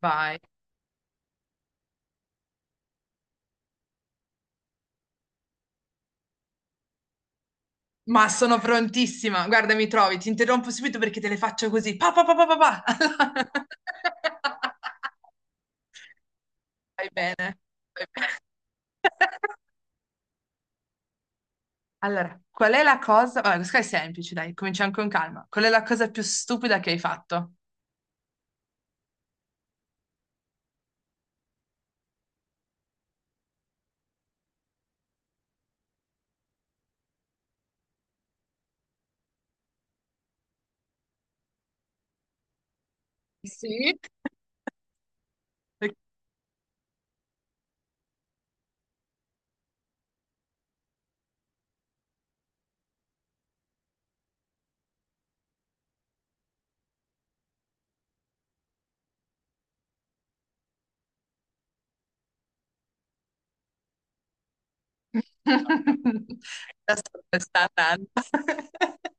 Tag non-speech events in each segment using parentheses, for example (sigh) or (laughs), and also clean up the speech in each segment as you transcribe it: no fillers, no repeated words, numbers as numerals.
Vai. Ma sono prontissima. Guarda, mi trovi, ti interrompo subito perché te le faccio così. Pa, pa, pa, pa, pa, pa. (laughs) Vai bene. Vai bene. Allora, qual è la cosa... Vabbè, questa è semplice, dai, cominciamo con calma. Qual è la cosa più stupida che hai fatto? Sì. (laughs) Adesso come sta andando. (laughs)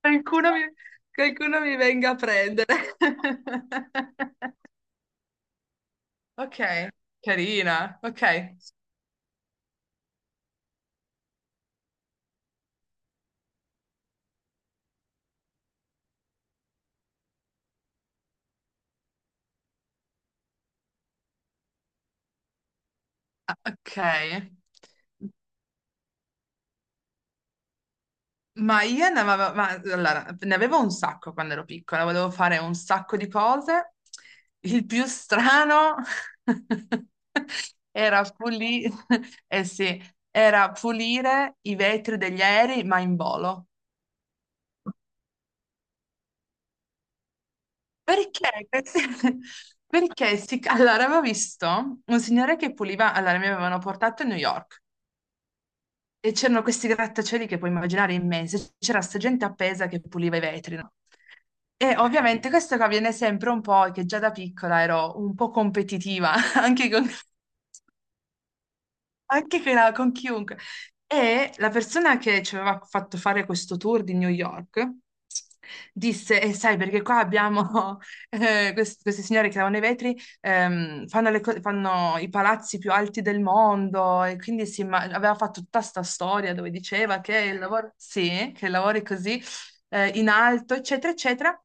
Qualcuno mi, qualcuno mi venga a prendere. (laughs) Ok, carina. Ok. Ah, ok. Ma io ne avevo, ma, allora, ne avevo un sacco quando ero piccola, volevo fare un sacco di cose. Il più strano (laughs) era pulire, (laughs) eh sì, era pulire i vetri degli aerei, ma in volo. Perché? (laughs) Perché si... Allora, avevo visto un signore che puliva, allora mi avevano portato a New York. E c'erano questi grattacieli che puoi immaginare immensi, c'era sta gente appesa che puliva i vetri, no? E ovviamente questo che avviene sempre un po' è che già da piccola ero un po' competitiva, (laughs) anche con con chiunque. E la persona che ci aveva fatto fare questo tour di New York disse, e sai perché qua abbiamo (laughs) queste signore che lavano i vetri, fanno, fanno i palazzi più alti del mondo e quindi aveva fatto tutta sta storia dove diceva che il lavoro, sì, che lavori così in alto, eccetera, eccetera.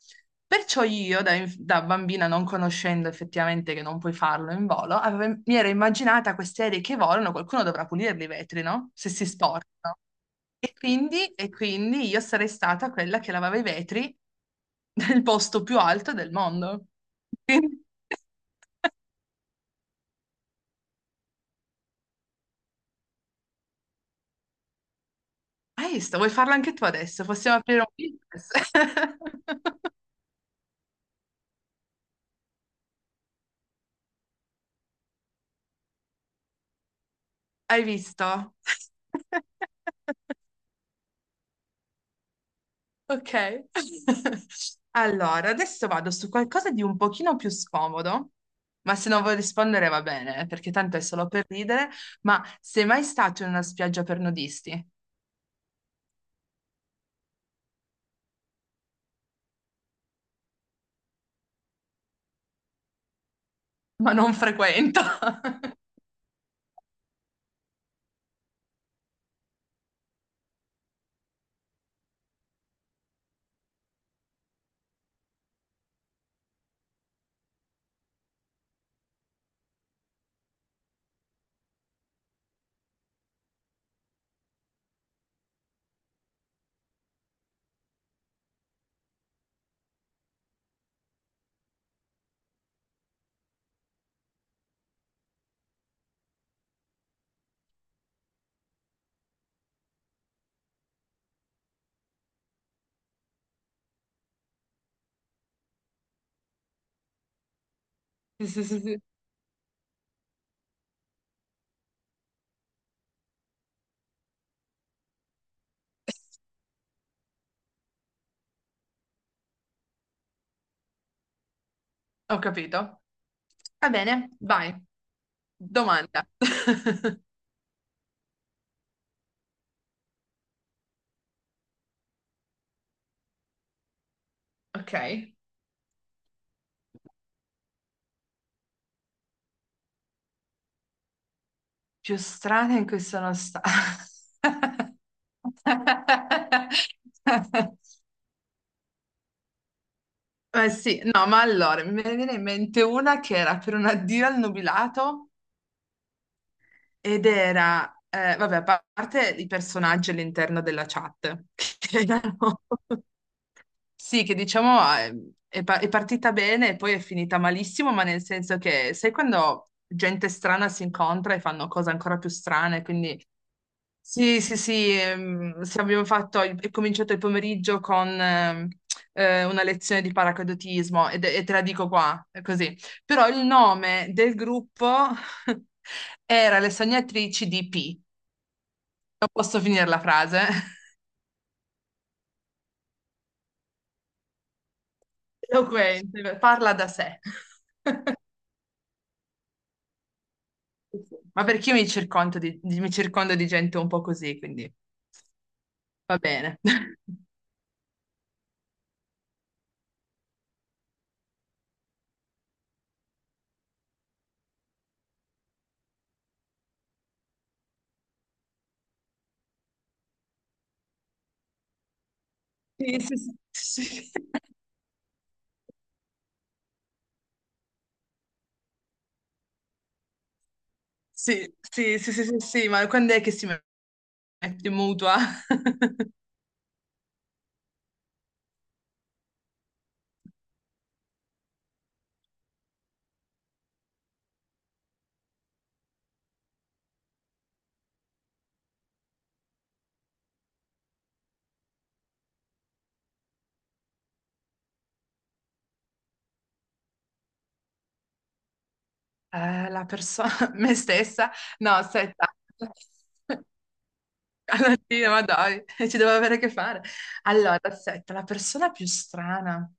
Perciò io, da bambina, non conoscendo effettivamente che non puoi farlo in volo, mi ero immaginata queste aerei che volano, qualcuno dovrà pulirli i vetri, no? Se si storcono. E quindi io sarei stata quella che lavava i vetri nel posto più alto del mondo. Quindi- (laughs) Hai visto? Vuoi farlo anche tu adesso? Possiamo aprire un business. (laughs) Hai visto? (laughs) Ok. (laughs) Allora, adesso vado su qualcosa di un pochino più scomodo, ma se non vuoi rispondere va bene, perché tanto è solo per ridere, ma sei mai stato in una spiaggia per nudisti? Ma non frequento. (laughs) Sì, sì, sì, sì. Ho capito. Va bene, vai. Domanda. (laughs) Ok. Più strana in cui sono stata. (laughs) Eh sì, no, ma allora me ne viene in mente una che era per un addio al nubilato ed era, vabbè, a parte i personaggi all'interno della chat, (laughs) che erano sì, che diciamo è, è partita bene e poi è finita malissimo, ma nel senso che sai quando gente strana si incontra e fanno cose ancora più strane, quindi sì, sì, sì, sì, abbiamo fatto, è cominciato il pomeriggio con una lezione di paracadutismo e, te la dico qua, è così. Però il nome del gruppo (laughs) era Le Sognatrici di P. Non posso finire la frase. (laughs) Eloquente, parla da sé. Ma perché io mi circondo di, mi circondo di gente un po' così, quindi va bene. (laughs) Sì, sì, sì, sì, sì, sì, sì, sì, sì, sì, ma quando è che si mette in mutua? (laughs) La persona, (laughs) me stessa? No, aspetta. Alla fine, ma dai, (laughs) ci devo avere a che fare. Allora, aspetta, la persona più strana.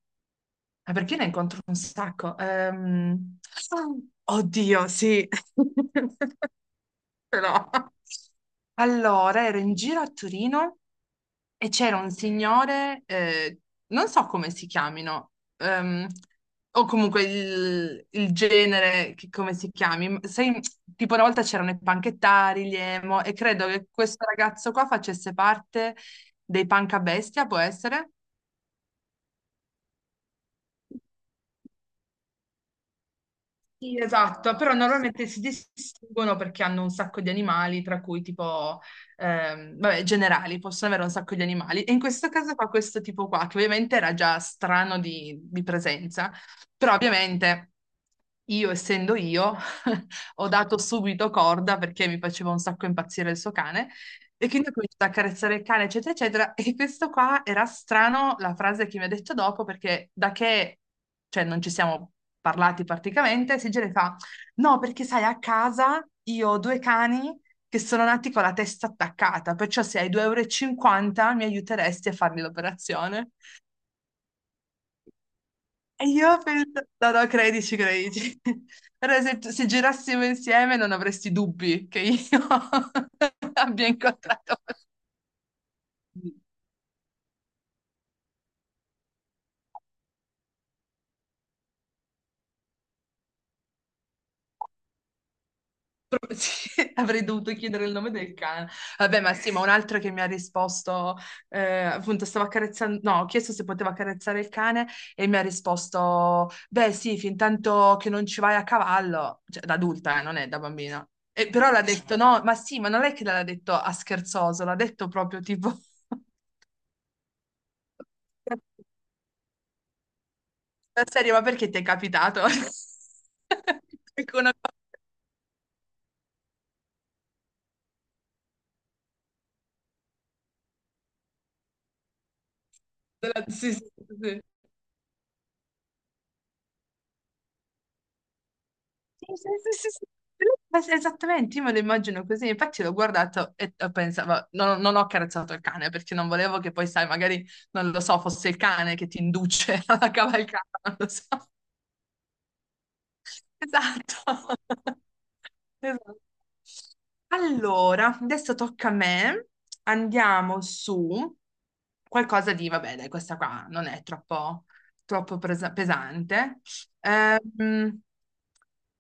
Ma perché ne incontro un sacco? Oddio, sì. (laughs) (laughs) però. Allora, ero in giro a Torino e c'era un signore, non so come si chiamino, o comunque il genere, come si chiami, sai, tipo una volta c'erano i panchettari, gli emo, e credo che questo ragazzo qua facesse parte dei panca bestia, può essere? Sì, esatto, però normalmente si distinguono perché hanno un sacco di animali, tra cui tipo, vabbè, generali, possono avere un sacco di animali. E in questo caso fa questo tipo qua, che ovviamente era già strano di presenza, però ovviamente io, essendo io, (laughs) ho dato subito corda perché mi faceva un sacco impazzire il suo cane e quindi ho cominciato a accarezzare il cane, eccetera, eccetera. E questo qua era strano, la frase che mi ha detto dopo, perché da che, cioè, non ci siamo parlati praticamente, si gira e fa, no, perché sai, a casa io ho due cani che sono nati con la testa attaccata, perciò se hai 2,50 euro e cinquanta mi aiuteresti a fargli l'operazione. E io ho pensato, no, no, credici, credici. (laughs) Allora, se girassimo insieme non avresti dubbi che io (laughs) abbia incontrato... (laughs) sì, avrei dovuto chiedere il nome del cane. Vabbè, ma sì, ma un altro che mi ha risposto, appunto, stavo accarezzando, no, ho chiesto se poteva accarezzare il cane e mi ha risposto, beh, sì, fin tanto che non ci vai a cavallo, cioè da adulta, non è da bambina. E, però l'ha detto, no, ma sì, ma non è che l'ha detto a scherzoso, l'ha detto proprio tipo, (laughs) la serie, ma perché ti è capitato? (laughs) Ecco una cosa sì, sì, sì. Sì, sì, sì, sì, sì. Ma sì, esattamente, io me lo immagino così, infatti l'ho guardato e pensavo, non, non ho carezzato il cane perché non volevo che poi, sai, magari, non lo so, fosse il cane che ti induce (laughs) alla cavalcata, non lo so. Esatto. (laughs) Esatto. Allora, adesso tocca a me. Andiamo su qualcosa di, vabbè, dai, questa qua non è troppo, pesante. Ehm,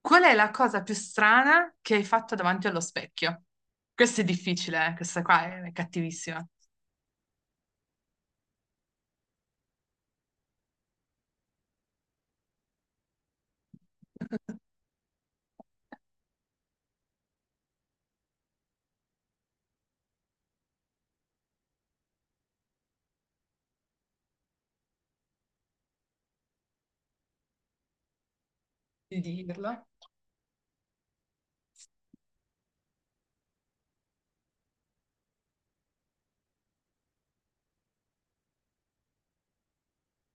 qual è la cosa più strana che hai fatto davanti allo specchio? Questo è difficile, questa qua è cattivissima. (laughs) Di dirlo.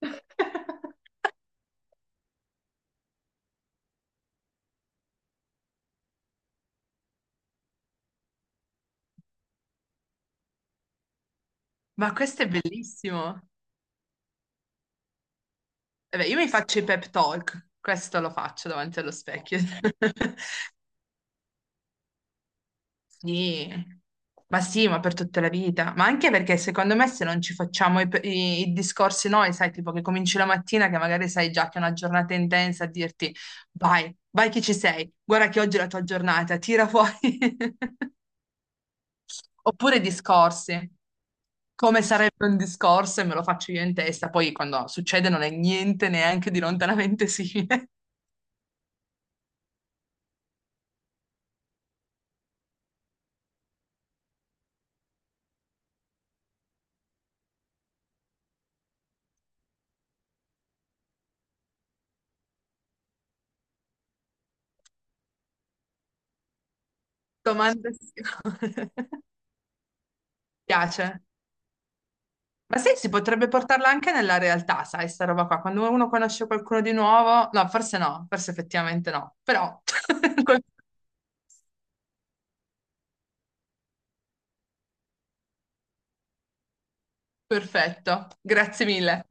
(laughs) Ma questo è bellissimo. Vabbè, io mi faccio i pep talk, questo lo faccio davanti allo specchio. (laughs) Sì, sì, ma per tutta la vita, ma anche perché secondo me se non ci facciamo i, i discorsi noi, sai, tipo che cominci la mattina che magari sai già che è una giornata intensa a dirti vai, vai che ci sei, guarda che oggi è la tua giornata, tira fuori. (laughs) Oppure discorsi, come sarebbe un discorso e me lo faccio io in testa, poi quando succede non è niente neanche di lontanamente simile. (laughs) Domanda sì. (laughs) Piace? Ma sì, si potrebbe portarla anche nella realtà, sai, sta roba qua. Quando uno conosce qualcuno di nuovo, no, forse no, forse effettivamente no, però (laughs) perfetto, grazie mille.